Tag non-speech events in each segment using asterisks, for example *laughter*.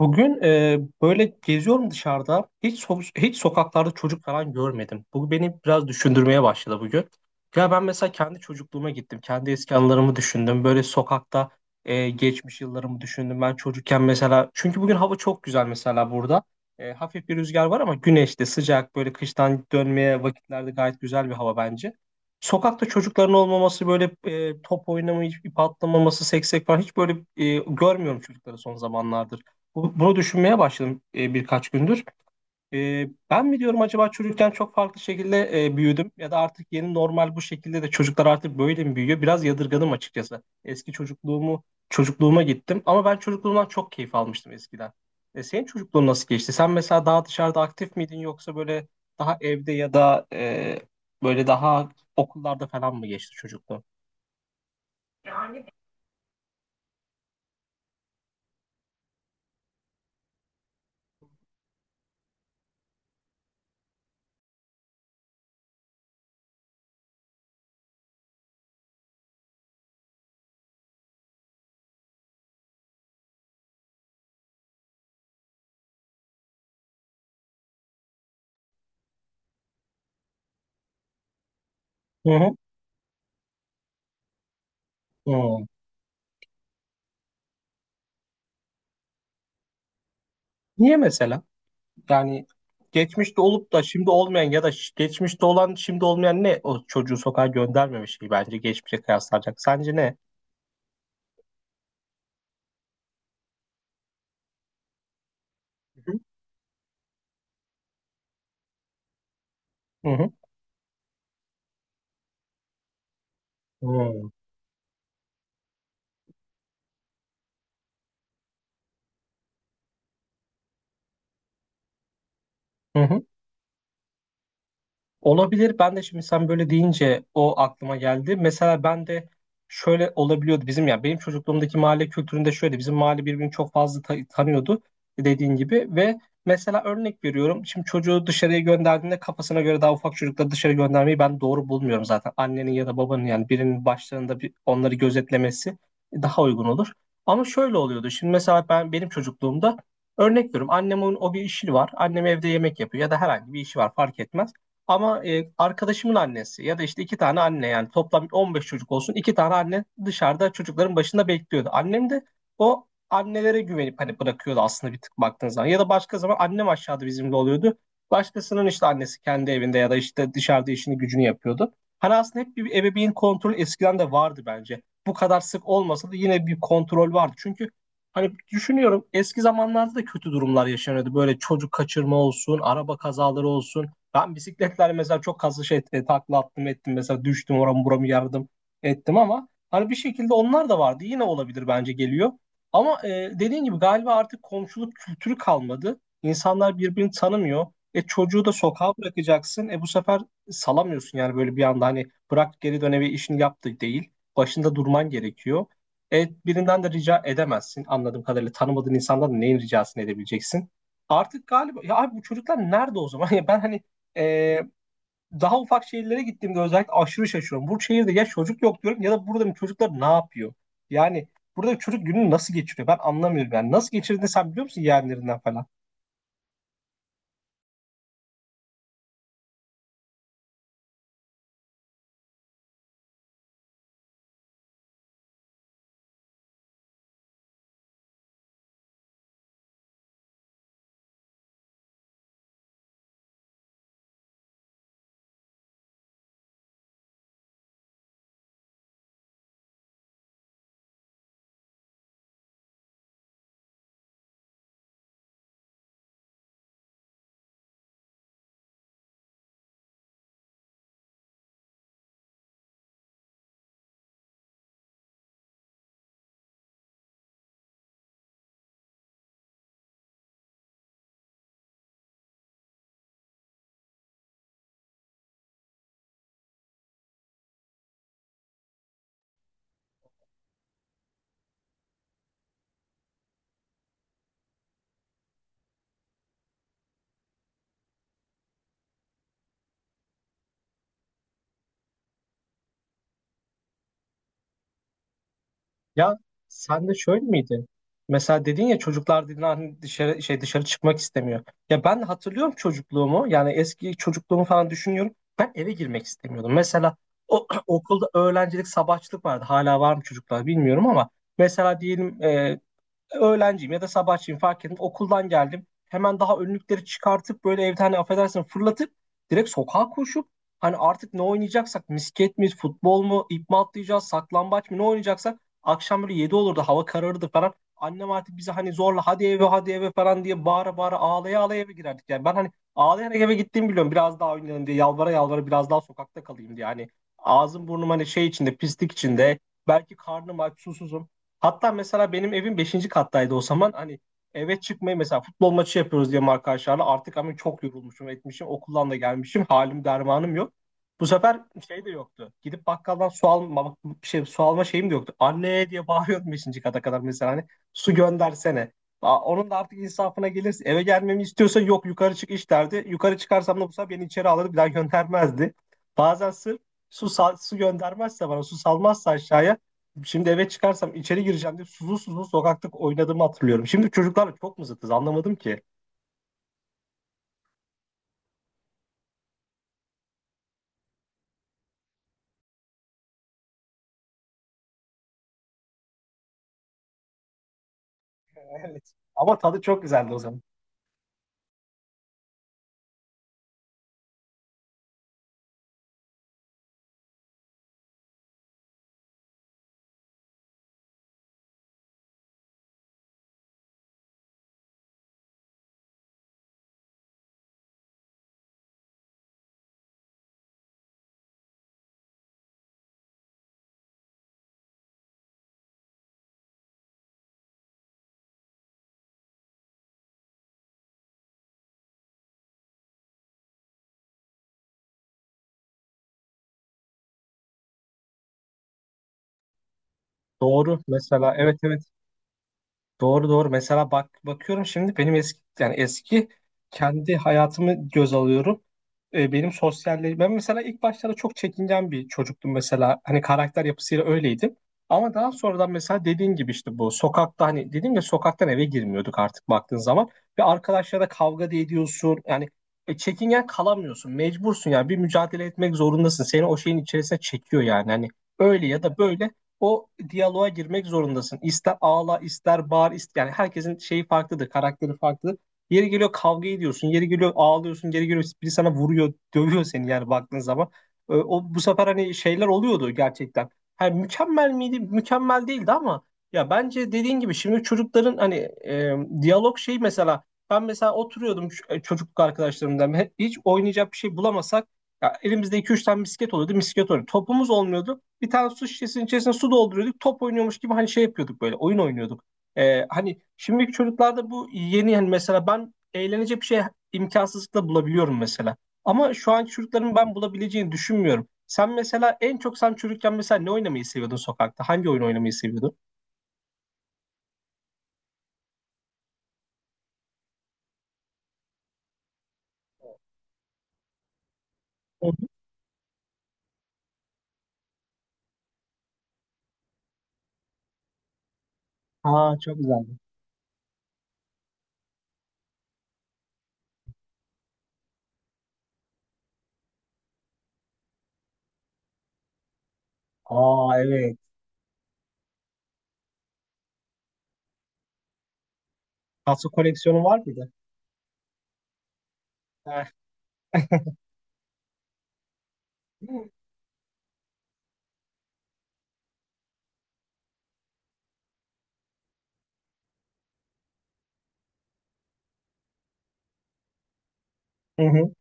Bugün böyle geziyorum dışarıda. Hiç sokaklarda çocuk falan görmedim. Bu beni biraz düşündürmeye başladı bugün. Ya ben mesela kendi çocukluğuma gittim. Kendi eski anılarımı düşündüm. Böyle sokakta geçmiş yıllarımı düşündüm. Ben çocukken mesela, çünkü bugün hava çok güzel mesela burada. Hafif bir rüzgar var ama güneşli, sıcak, böyle kıştan dönmeye vakitlerde gayet güzel bir hava bence. Sokakta çocukların olmaması, böyle top oynamayı, ip atlamaması, seksek falan hiç böyle görmüyorum çocukları son zamanlarda. Bunu düşünmeye başladım birkaç gündür. Ben mi diyorum acaba, çocukken çok farklı şekilde büyüdüm ya da artık yeni normal bu şekilde de çocuklar artık böyle mi büyüyor? Biraz yadırgadım açıkçası. Eski çocukluğuma gittim ama ben çocukluğumdan çok keyif almıştım eskiden. Senin çocukluğun nasıl geçti? Sen mesela daha dışarıda aktif miydin yoksa böyle daha evde ya da böyle daha okullarda falan mı geçti çocukluğun? Hı hı. Hı. Niye mesela? Yani geçmişte olup da şimdi olmayan ya da geçmişte olan şimdi olmayan, ne o çocuğu sokağa göndermeme şeyi bence geçmişe kıyaslanacak. Sence ne? Hı hı. Hı hı. Hmm. Olabilir. Ben de şimdi sen böyle deyince o aklıma geldi. Mesela ben de şöyle olabiliyordu bizim, ya benim çocukluğumdaki mahalle kültüründe şöyle, bizim mahalle birbirini çok fazla tanıyordu dediğin gibi. Ve mesela örnek veriyorum, şimdi çocuğu dışarıya gönderdiğinde kafasına göre, daha ufak çocukları dışarı göndermeyi ben doğru bulmuyorum zaten. Annenin ya da babanın, yani birinin başlarında bir onları gözetlemesi daha uygun olur. Ama şöyle oluyordu. Şimdi mesela ben, benim çocukluğumda örnek veriyorum, annemin o bir işi var. Annem evde yemek yapıyor ya da herhangi bir işi var, fark etmez. Ama arkadaşımın annesi ya da işte iki tane anne, yani toplam 15 çocuk olsun, iki tane anne dışarıda çocukların başında bekliyordu. Annem de o annelere güvenip hani bırakıyordu aslında, bir tık baktığın zaman. Ya da başka zaman annem aşağıda bizimle oluyordu. Başkasının işte annesi kendi evinde ya da işte dışarıda işini gücünü yapıyordu. Hani aslında hep bir ebeveyn kontrolü eskiden de vardı bence. Bu kadar sık olmasa da yine bir kontrol vardı. Çünkü hani düşünüyorum, eski zamanlarda da kötü durumlar yaşanıyordu. Böyle çocuk kaçırma olsun, araba kazaları olsun. Ben bisikletlerle mesela çok kaslı şey takla attım ettim. Mesela düştüm, oramı buramı yardım ettim, ama hani bir şekilde onlar da vardı. Yine olabilir bence, geliyor. Ama dediğin gibi galiba artık komşuluk kültürü kalmadı. İnsanlar birbirini tanımıyor. E çocuğu da sokağa bırakacaksın. E bu sefer salamıyorsun yani, böyle bir anda hani bırak geri dön eve, işini yaptı, değil. Başında durman gerekiyor. E birinden de rica edemezsin. Anladığım kadarıyla tanımadığın insandan da neyin ricasını edebileceksin? Artık galiba, ya abi bu çocuklar nerede o zaman? *laughs* Ya ben hani ee, daha ufak şehirlere gittiğimde özellikle aşırı şaşıyorum. Bu şehirde ya çocuk yok diyorum ya da buradaki çocuklar ne yapıyor? Yani burada çocuk gününü nasıl geçiriyor? Ben anlamıyorum. Yani nasıl geçirdiğini sen biliyor musun, yeğenlerinden falan? Ya sen de şöyle miydi? Mesela dedin ya, çocuklar dedin hani dışarı şey, dışarı çıkmak istemiyor. Ya ben hatırlıyorum çocukluğumu. Yani eski çocukluğumu falan düşünüyorum. Ben eve girmek istemiyordum. Mesela *clears throat* okulda öğrencilik, sabahçılık vardı. Hala var mı çocuklar, bilmiyorum ama mesela diyelim öğlenciyim ya da sabahçıyım, fark ettim. Okuldan geldim. Hemen daha önlükleri çıkartıp böyle evde hani affedersin fırlatıp, direkt sokağa koşup hani artık ne oynayacaksak, misket mi, futbol mu, ip mi atlayacağız, saklambaç mı, ne oynayacaksak akşam böyle 7 olurdu, hava kararırdı falan. Annem artık bize hani zorla hadi eve, hadi eve falan diye bağıra bağıra, ağlaya ağlaya eve girerdik. Yani ben hani ağlayarak eve gittiğimi biliyorum, biraz daha oynayalım diye, yalvara yalvara biraz daha sokakta kalayım diye. Yani ağzım burnum hani şey içinde, pislik içinde, belki karnım aç, susuzum. Hatta mesela benim evim beşinci kattaydı o zaman. Hani eve çıkmayı mesela, futbol maçı yapıyoruz diye arkadaşlarla. Artık ama çok yorulmuşum, etmişim. Okuldan da gelmişim. Halim dermanım yok. Bu sefer şey de yoktu. Gidip bakkaldan su alma şey, su alma şeyim de yoktu. Anne diye bağırıyordum beşinci kata kadar mesela, hani su göndersene. Aa, onun da artık insafına gelirse, eve gelmemi istiyorsa, yok yukarı çık iç derdi. Yukarı çıkarsam da bu sefer beni içeri alırdı, bir daha göndermezdi. Bazen sırf su göndermezse, bana su salmazsa aşağıya, şimdi eve çıkarsam içeri gireceğim diye suzlu suzlu sokakta oynadığımı hatırlıyorum. Şimdi çocuklarla çok mu zıtız, anlamadım ki. *laughs* Evet. Ama tadı çok güzeldi o zaman. Doğru mesela, evet, evet. Doğru, doğru. Mesela bak, bakıyorum şimdi benim eski, yani eski kendi hayatımı göz alıyorum. Benim sosyalleşme, ben mesela ilk başlarda çok çekingen bir çocuktum mesela. Hani karakter yapısıyla öyleydim. Ama daha sonradan mesela dediğin gibi işte, bu sokakta hani dedim ya, sokaktan eve girmiyorduk artık baktığın zaman, ve arkadaşlara kavga da ediyorsun. Yani çekingen kalamıyorsun. Mecbursun, yani bir mücadele etmek zorundasın. Seni o şeyin içerisine çekiyor yani. Hani öyle ya da böyle o diyaloğa girmek zorundasın. İster ağla, ister bağır, ister yani, herkesin şeyi farklıdır, karakteri farklıdır. Yeri geliyor kavga ediyorsun, yeri geliyor ağlıyorsun, yeri geliyor biri sana vuruyor, dövüyor seni yani baktığın zaman. O bu sefer hani şeyler oluyordu gerçekten. Hani mükemmel miydi? Mükemmel değildi, ama ya bence dediğin gibi şimdi çocukların hani e, diyalog şey mesela, ben mesela oturuyordum, çocukluk arkadaşlarımdan hiç oynayacak bir şey bulamasak, ya elimizde iki üç tane misket oluyordu, misket oynuyordu. Topumuz olmuyordu, bir tane su şişesinin içerisine su dolduruyorduk. Top oynuyormuş gibi hani şey yapıyorduk, böyle oyun oynuyorduk. Hani şimdiki çocuklarda bu yeni, hani mesela ben eğlenecek bir şey imkansızlıkla bulabiliyorum mesela. Ama şu anki çocukların ben bulabileceğini düşünmüyorum. Sen mesela en çok, sen çocukken mesela ne oynamayı seviyordun sokakta? Hangi oyun oynamayı seviyordun? Hı hı. Aa, çok güzeldi. Aa, evet. Taso koleksiyonu var mıydı? Heh. Hı hı.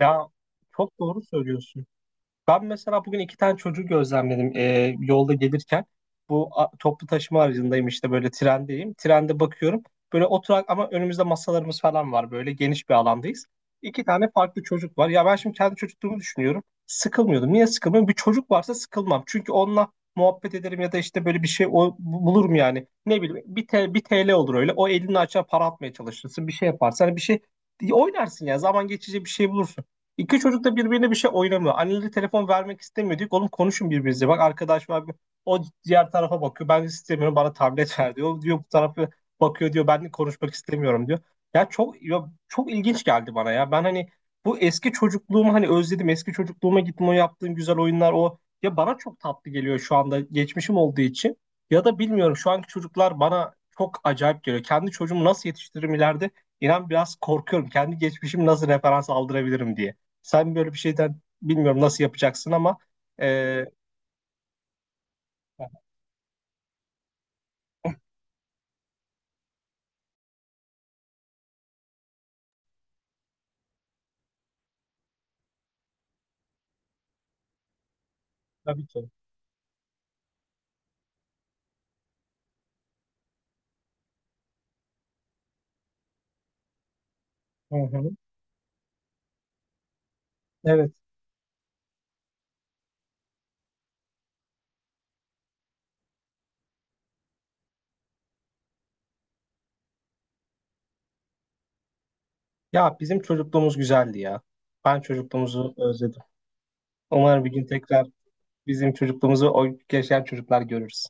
Ya çok doğru söylüyorsun. Ben mesela bugün iki tane çocuğu gözlemledim yolda gelirken. Toplu taşıma aracındayım, işte böyle trendeyim. Trende bakıyorum. Böyle oturak ama önümüzde masalarımız falan var. Böyle geniş bir alandayız. İki tane farklı çocuk var. Ya ben şimdi kendi çocukluğumu düşünüyorum. Sıkılmıyordum. Niye sıkılmıyorum? Bir çocuk varsa sıkılmam. Çünkü onunla muhabbet ederim ya da işte böyle bir şey bulurum yani. Ne bileyim bir TL olur öyle. O elini açar, para atmaya çalışırsın. Bir şey yaparsan, bir şey oynarsın ya. Zaman geçici bir şey bulursun. İki çocuk da birbirine bir şey oynamıyor. Anneleri telefon vermek istemiyor. Diyor ki, oğlum konuşun birbirinizle. Bak arkadaş var. O diğer tarafa bakıyor. Ben istemiyorum, bana tablet ver diyor. O diyor, bu tarafa bakıyor, diyor ben de konuşmak istemiyorum diyor. Ya çok, ya çok ilginç geldi bana ya. Ben hani bu eski çocukluğumu hani özledim. Eski çocukluğuma gittim, o yaptığım güzel oyunlar, o ya bana çok tatlı geliyor şu anda, geçmişim olduğu için. Ya da bilmiyorum, şu anki çocuklar bana çok acayip geliyor. Kendi çocuğumu nasıl yetiştiririm ileride? İnan biraz korkuyorum. Kendi geçmişimi nasıl referans aldırabilirim diye. Sen böyle bir şeyden bilmiyorum nasıl yapacaksın ama e, tabii ki. Hı hı. Evet. Ya bizim çocukluğumuz güzeldi ya. Ben çocukluğumuzu özledim. Umarım bir gün tekrar bizim çocukluğumuzu o yaşayan çocuklar görürüz.